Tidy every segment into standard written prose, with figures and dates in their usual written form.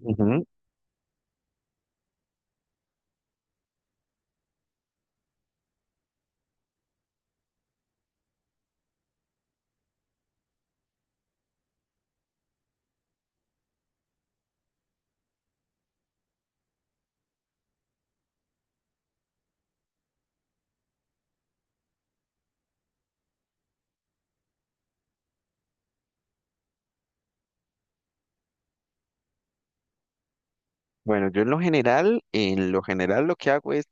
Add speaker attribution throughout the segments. Speaker 1: Ujú. Bueno, yo en lo general lo que hago es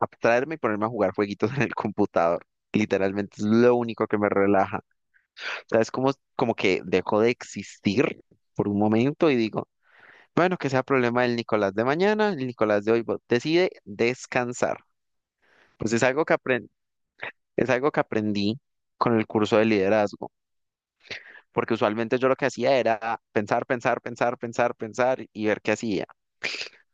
Speaker 1: abstraerme y ponerme a jugar jueguitos en el computador. Literalmente es lo único que me relaja. O sea, es como, como que dejo de existir por un momento y digo, bueno, que sea problema del Nicolás de mañana, el Nicolás de hoy decide descansar. Pues es algo que aprendí, es algo que aprendí con el curso de liderazgo, porque usualmente yo lo que hacía era pensar, pensar, pensar, pensar, pensar y ver qué hacía.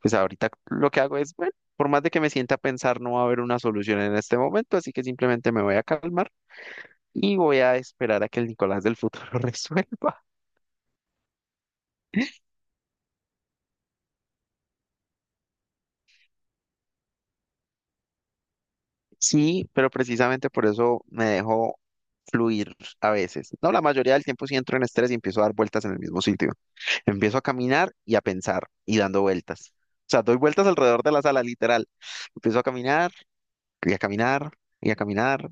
Speaker 1: Pues ahorita lo que hago es, bueno, por más de que me sienta a pensar, no va a haber una solución en este momento, así que simplemente me voy a calmar y voy a esperar a que el Nicolás del futuro resuelva. Sí, pero precisamente por eso me dejo fluir a veces. No, la mayoría del tiempo sí entro en estrés y empiezo a dar vueltas en el mismo sitio. Empiezo a caminar y a pensar y dando vueltas. O sea, doy vueltas alrededor de la sala, literal. Empiezo a caminar y a caminar y a caminar.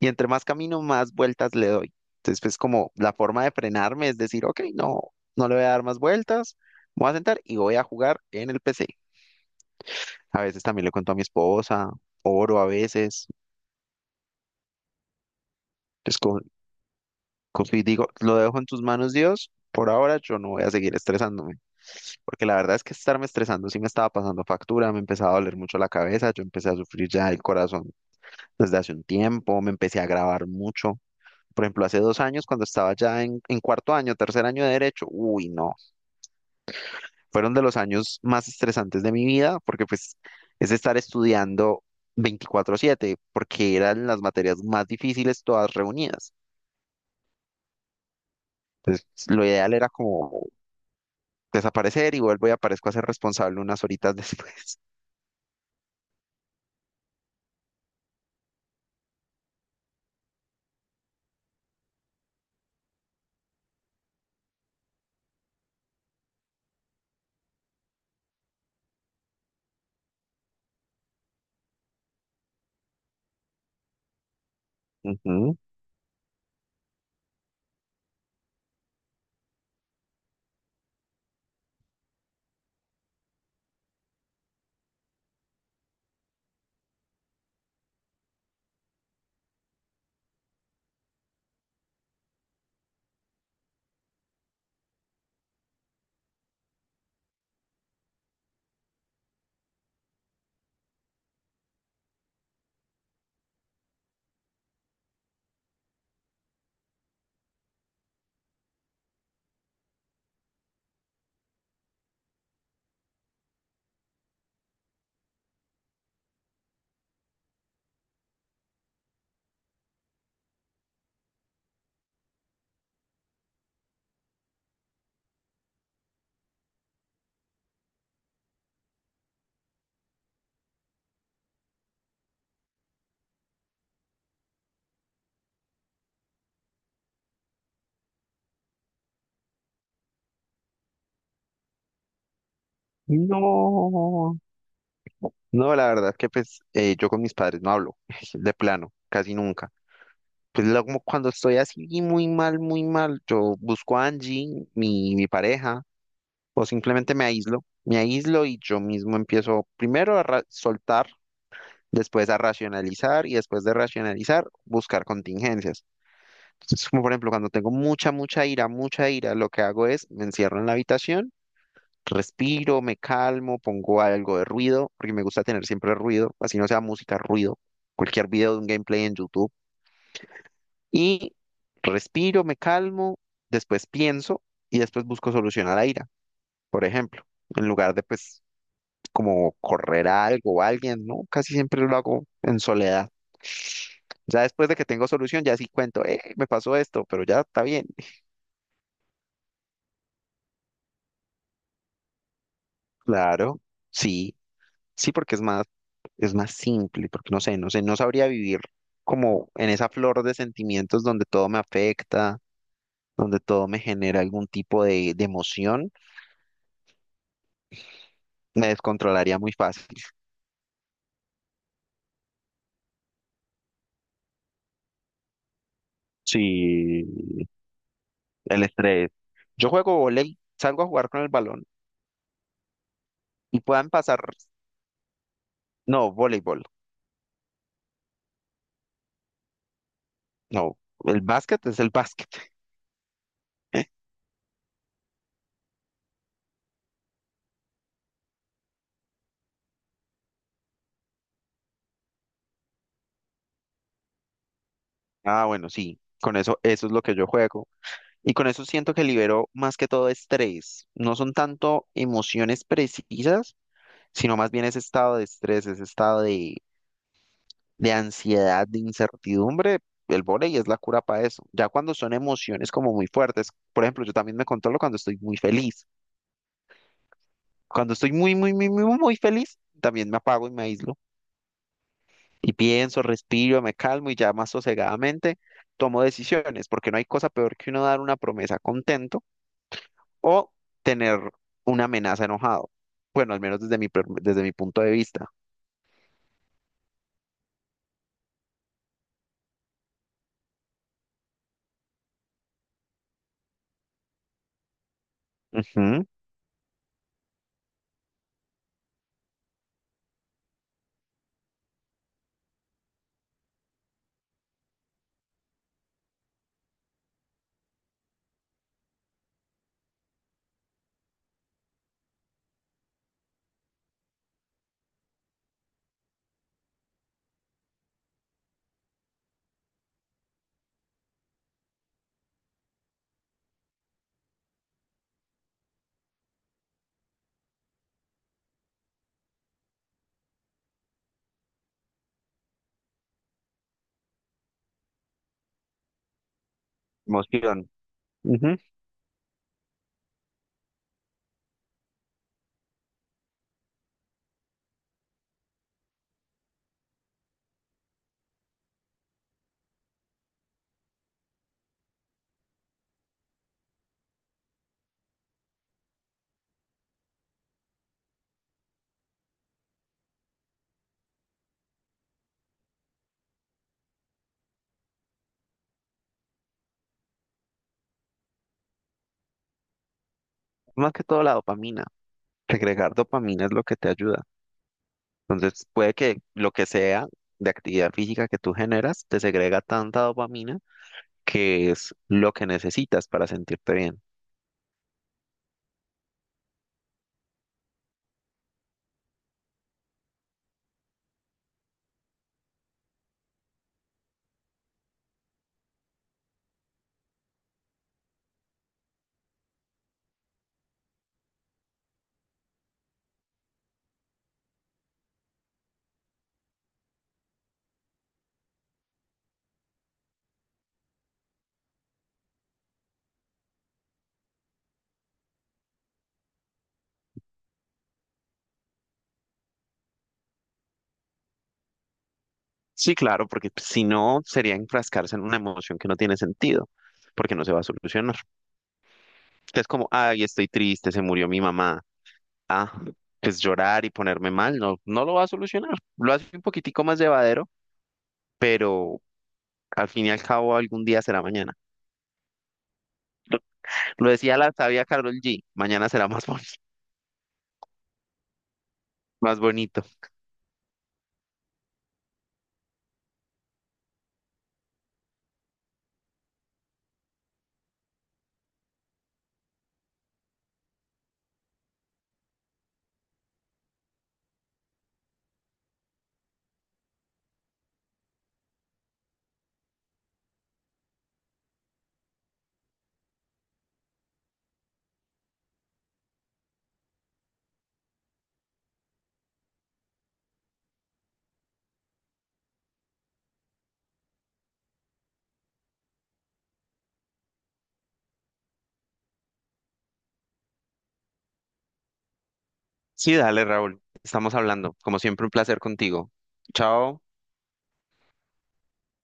Speaker 1: Y entre más camino, más vueltas le doy. Entonces, pues como la forma de frenarme es decir, ok, no, no le voy a dar más vueltas, me voy a sentar y voy a jugar en el PC. A veces también le cuento a mi esposa, oro a veces. Entonces, confío y digo, lo dejo en tus manos, Dios. Por ahora yo no voy a seguir estresándome, porque la verdad es que estarme estresando sí me estaba pasando factura, me empezaba a doler mucho la cabeza, yo empecé a sufrir ya el corazón desde hace un tiempo, me empecé a grabar mucho. Por ejemplo, hace 2 años, cuando estaba ya en cuarto año, tercer año de derecho, uy, no, fueron de los años más estresantes de mi vida, porque pues es estar estudiando 24/7, porque eran las materias más difíciles todas reunidas. Entonces, lo ideal era como desaparecer y vuelvo y aparezco a ser responsable unas horitas después. Ujú. No, no, la verdad que pues yo con mis padres no hablo, de plano, casi nunca. Como cuando estoy así muy mal, yo busco a Angie, mi pareja, o simplemente me aíslo. Me aíslo y yo mismo empiezo primero a soltar, después a racionalizar y después de racionalizar, buscar contingencias. Entonces, como por ejemplo, cuando tengo mucha, mucha ira, lo que hago es me encierro en la habitación, respiro, me calmo, pongo algo de ruido, porque me gusta tener siempre ruido, así no sea música, ruido, cualquier video de un gameplay en YouTube y respiro, me calmo, después pienso y después busco solución a la ira, por ejemplo, en lugar de pues como correr a algo o a alguien, ¿no? Casi siempre lo hago en soledad. Ya después de que tengo solución, ya sí cuento, me pasó esto, pero ya está bien. Claro, sí, sí, porque es más simple, porque no sé, no sé, no sabría vivir como en esa flor de sentimientos donde todo me afecta, donde todo me genera algún tipo de emoción, me descontrolaría muy fácil. Sí, el estrés. Yo juego volei, salgo a jugar con el balón y puedan pasar. No, voleibol. No, el básquet es el básquet. Ah, bueno, sí, con eso, eso es lo que yo juego. Y con eso siento que libero más que todo estrés. No son tanto emociones precisas, sino más bien ese estado de estrés, ese estado de ansiedad, de incertidumbre. El vóley es la cura para eso. Ya cuando son emociones como muy fuertes, por ejemplo, yo también me controlo cuando estoy muy feliz. Cuando estoy muy, muy, muy, muy, muy feliz, también me apago y me aíslo. Y pienso, respiro, me calmo y ya más sosegadamente tomo decisiones, porque no hay cosa peor que uno dar una promesa contento o tener una amenaza enojado. Bueno, al menos desde desde mi punto de vista. Ujú. Emoción. Ujú. Más que todo la dopamina. Regregar dopamina es lo que te ayuda. Entonces, puede que lo que sea de actividad física que tú generas te segrega tanta dopamina que es lo que necesitas para sentirte bien. Sí, claro, porque pues, si no sería enfrascarse en una emoción que no tiene sentido, porque no se va a solucionar. Es como, ay, estoy triste, se murió mi mamá. Ah, pues llorar y ponerme mal no, no lo va a solucionar. Lo hace un poquitico más llevadero, pero al fin y al cabo algún día será mañana. Lo decía la sabia Carol G, mañana será más, más bonito. Sí, dale, Raúl. Estamos hablando. Como siempre, un placer contigo. Chao.